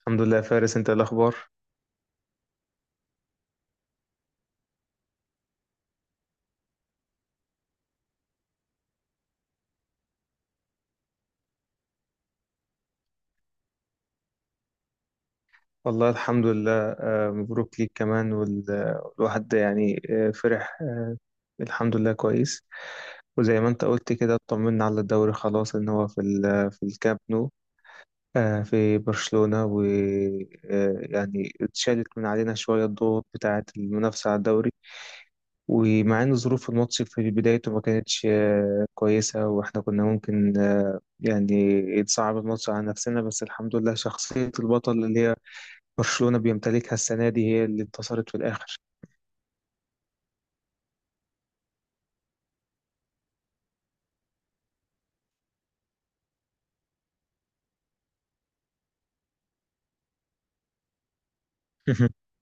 الحمد لله يا فارس، انت ايه الاخبار؟ والله الحمد لله. مبروك ليك كمان، والواحد ده يعني فرح. الحمد لله كويس. وزي ما انت قلت كده اطمنا على الدوري خلاص ان هو في في الكامب نو، في برشلونة. ويعني اتشالت من علينا شوية الضغوط بتاعة المنافسة على الدوري. ومع ان ظروف الماتش في بدايته ما كانتش كويسة، واحنا كنا ممكن يعني يتصعب الماتش على نفسنا، بس الحمد لله شخصية البطل اللي هي برشلونة بيمتلكها السنة دي هي اللي انتصرت في الآخر.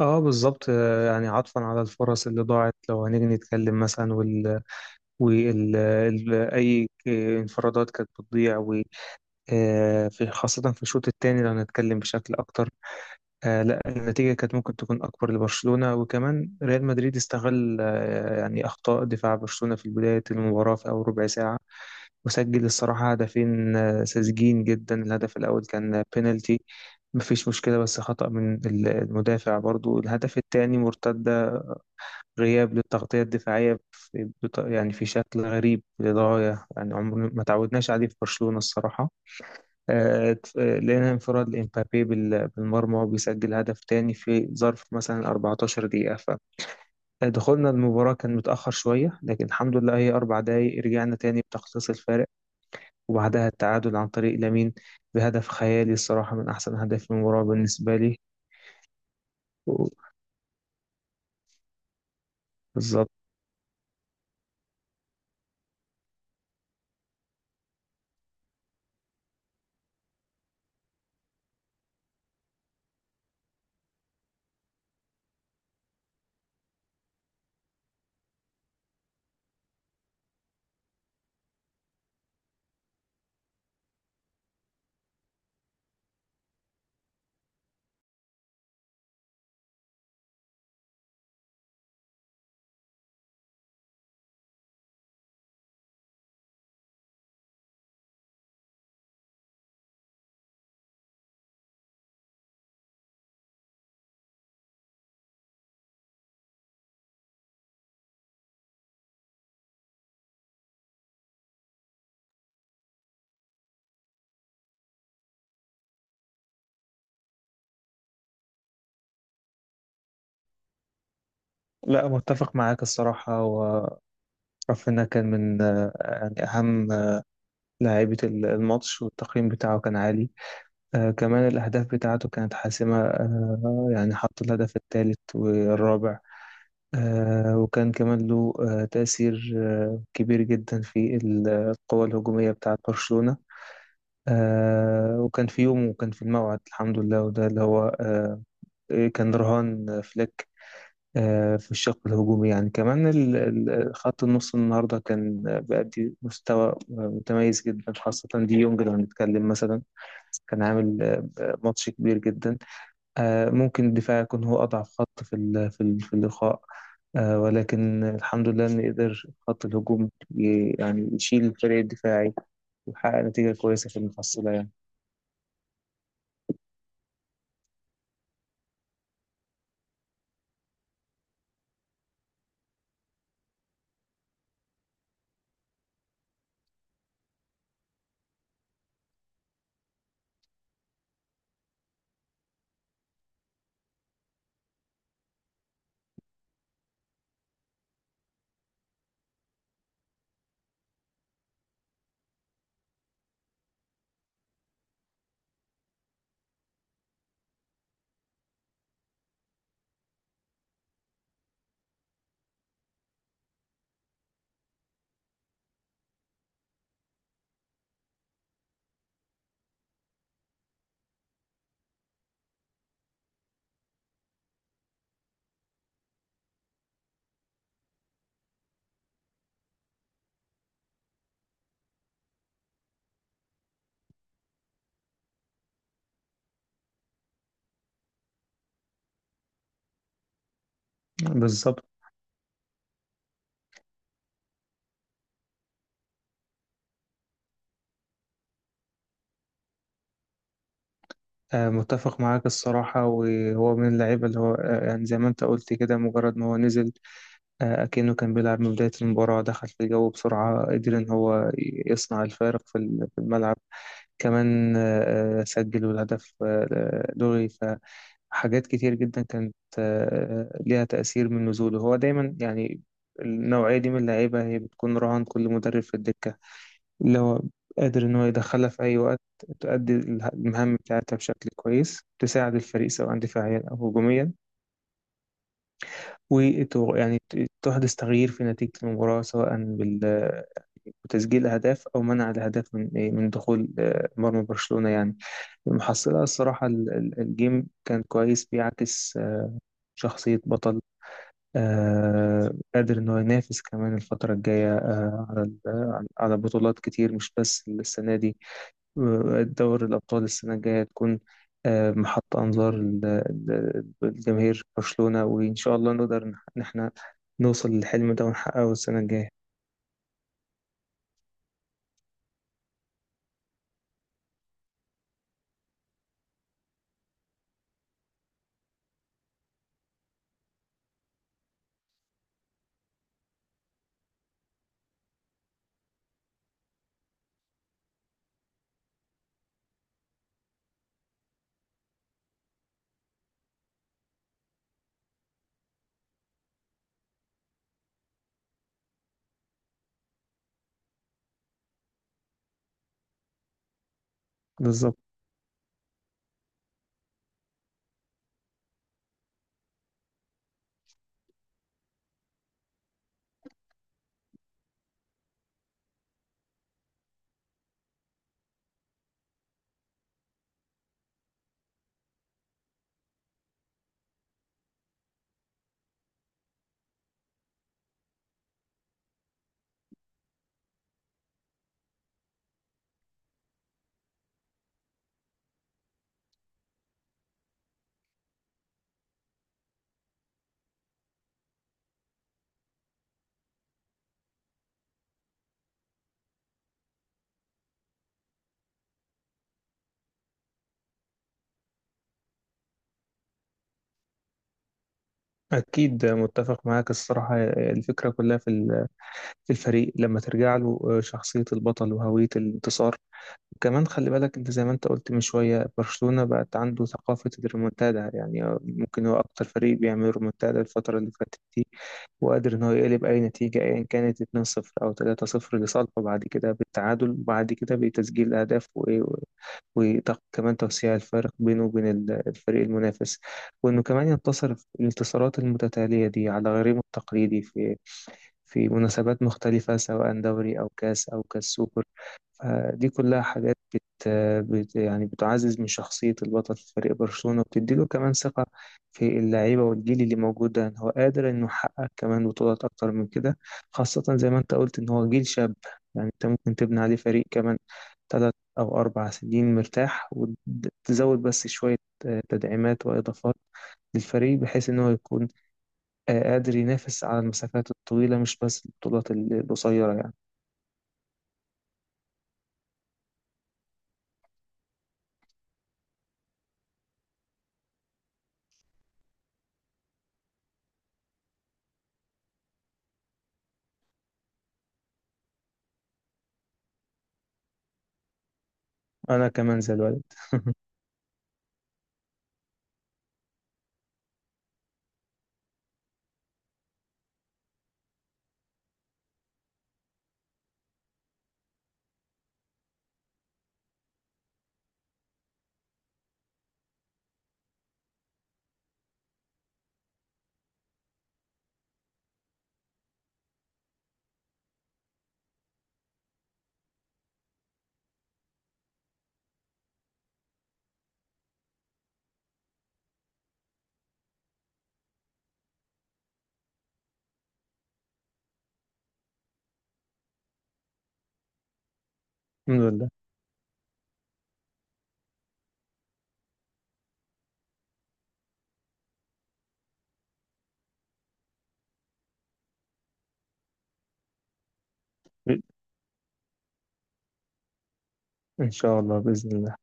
اه، بالظبط. يعني عطفا على الفرص اللي ضاعت، لو هنيجي نتكلم مثلا وال, وال... ال... اي ك- انفرادات كانت بتضيع. في خاصة في الشوط الثاني لو هنتكلم بشكل اكتر، لا، النتيجة كانت ممكن تكون اكبر لبرشلونة، وكمان ريال مدريد استغل يعني اخطاء دفاع برشلونة في بداية المباراة في اول ربع ساعة، وسجل الصراحة هدفين ساذجين جدا. الهدف الأول كان بينالتي، مفيش مشكلة، بس خطأ من المدافع. برضو الهدف التاني مرتدة، غياب للتغطية الدفاعية في يعني في شكل غريب للغاية، يعني عمرنا ما تعودناش عليه في برشلونة الصراحة. لقينا انفراد لإمبابي بالمرمى وبيسجل هدف تاني في ظرف مثلا 14 دقيقة. فدخولنا المباراة كان متأخر شوية، لكن الحمد لله هي 4 دقايق رجعنا تاني بتخصيص الفارق، وبعدها التعادل عن طريق لامين بهدف خيالي الصراحة، من أحسن أهداف المباراة بالنسبة لي و- بالظبط. لا، متفق معاك الصراحة. ورافينيا كان من يعني أهم لاعيبة الماتش، والتقييم بتاعه كان عالي. كمان الأهداف بتاعته كانت حاسمة، يعني حط الهدف الثالث والرابع. وكان كمان له تأثير كبير جدا في القوة الهجومية بتاعة برشلونة. وكان في يوم وكان في الموعد، الحمد لله. وده اللي هو إيه، كان رهان فليك. في الشق الهجومي، يعني كمان خط النص النهارده كان بيأدي مستوى متميز جدا، خاصة دي يونج لو هنتكلم مثلا، كان عامل ماتش كبير جدا. ممكن الدفاع يكون هو أضعف خط في في اللقاء، ولكن الحمد لله إن قدر خط الهجوم يعني يشيل الفريق الدفاعي، ويحقق نتيجة كويسة في المحصلة يعني. بالظبط. متفق معاك الصراحة. وهو من اللعيبة اللي هو يعني زي ما انت قلت كده، مجرد ما هو نزل أكنه كان بيلعب من بداية المباراة، دخل في الجو بسرعة، قدر ان هو يصنع الفارق في في الملعب. كمان سجل، والهدف لغي. فحاجات كتير جدا كانت ليها تأثير من نزوله. هو دايما يعني النوعية دي من اللعيبة هي بتكون رهان كل مدرب في الدكة، اللي هو قادر إن هو يدخلها في أي وقت، تؤدي المهام بتاعتها بشكل كويس، تساعد الفريق سواء دفاعيا أو هجوميا، ويعني تحدث تغيير في نتيجة المباراة سواء وتسجيل أهداف، أو منع الأهداف من من دخول مرمى برشلونة يعني. المحصلة الصراحة الجيم كان كويس، بيعكس شخصية بطل قادر إن هو ينافس كمان الفترة الجاية آه، على ال- آه، على بطولات كتير، مش بس السنة دي. دوري الأبطال السنة الجاية تكون محط أنظار الجماهير برشلونة، وإن شاء الله نقدر إن إحنا نوصل للحلم ده ونحققه السنة الجاية. بالظبط. أكيد متفق معاك الصراحة. الفكرة كلها في في الفريق، لما ترجع له شخصية البطل وهوية الانتصار. كمان خلي بالك انت زي ما انت قلت من شوية، برشلونة بقت عنده ثقافة الريمونتادا، يعني ممكن هو اكتر فريق بيعمل ريمونتادا الفترة اللي فاتت دي، وقادر ان هو يقلب اي نتيجة ايا كانت 2-0 او 3-0 لصالحه، بعد كده بالتعادل، وبعد كده بتسجيل اهداف وايه، وكمان توسيع الفارق بينه وبين الفريق المنافس، وانه كمان ينتصر في الانتصارات المتتالية دي على غريمه التقليدي في مناسبات مختلفة، سواء دوري أو كاس أو كاس سوبر. دي كلها حاجات بت... بت يعني بتعزز من شخصية البطل في فريق برشلونة، وبتديله كمان ثقة في اللعيبة والجيل اللي موجود ده، إن هو قادر إنه يحقق كمان بطولات أكتر من كده، خاصة زي ما أنت قلت إن هو جيل شاب. يعني أنت ممكن تبني عليه فريق كمان 3 أو 4 سنين مرتاح، وتزود بس شوية تدعيمات وإضافات للفريق، بحيث إن هو يكون قادر ينافس على المسافات الطويلة، مش بس البطولات القصيرة يعني. أنا كمان زي الولد. الحمد لله. إن شاء الله بإذن الله.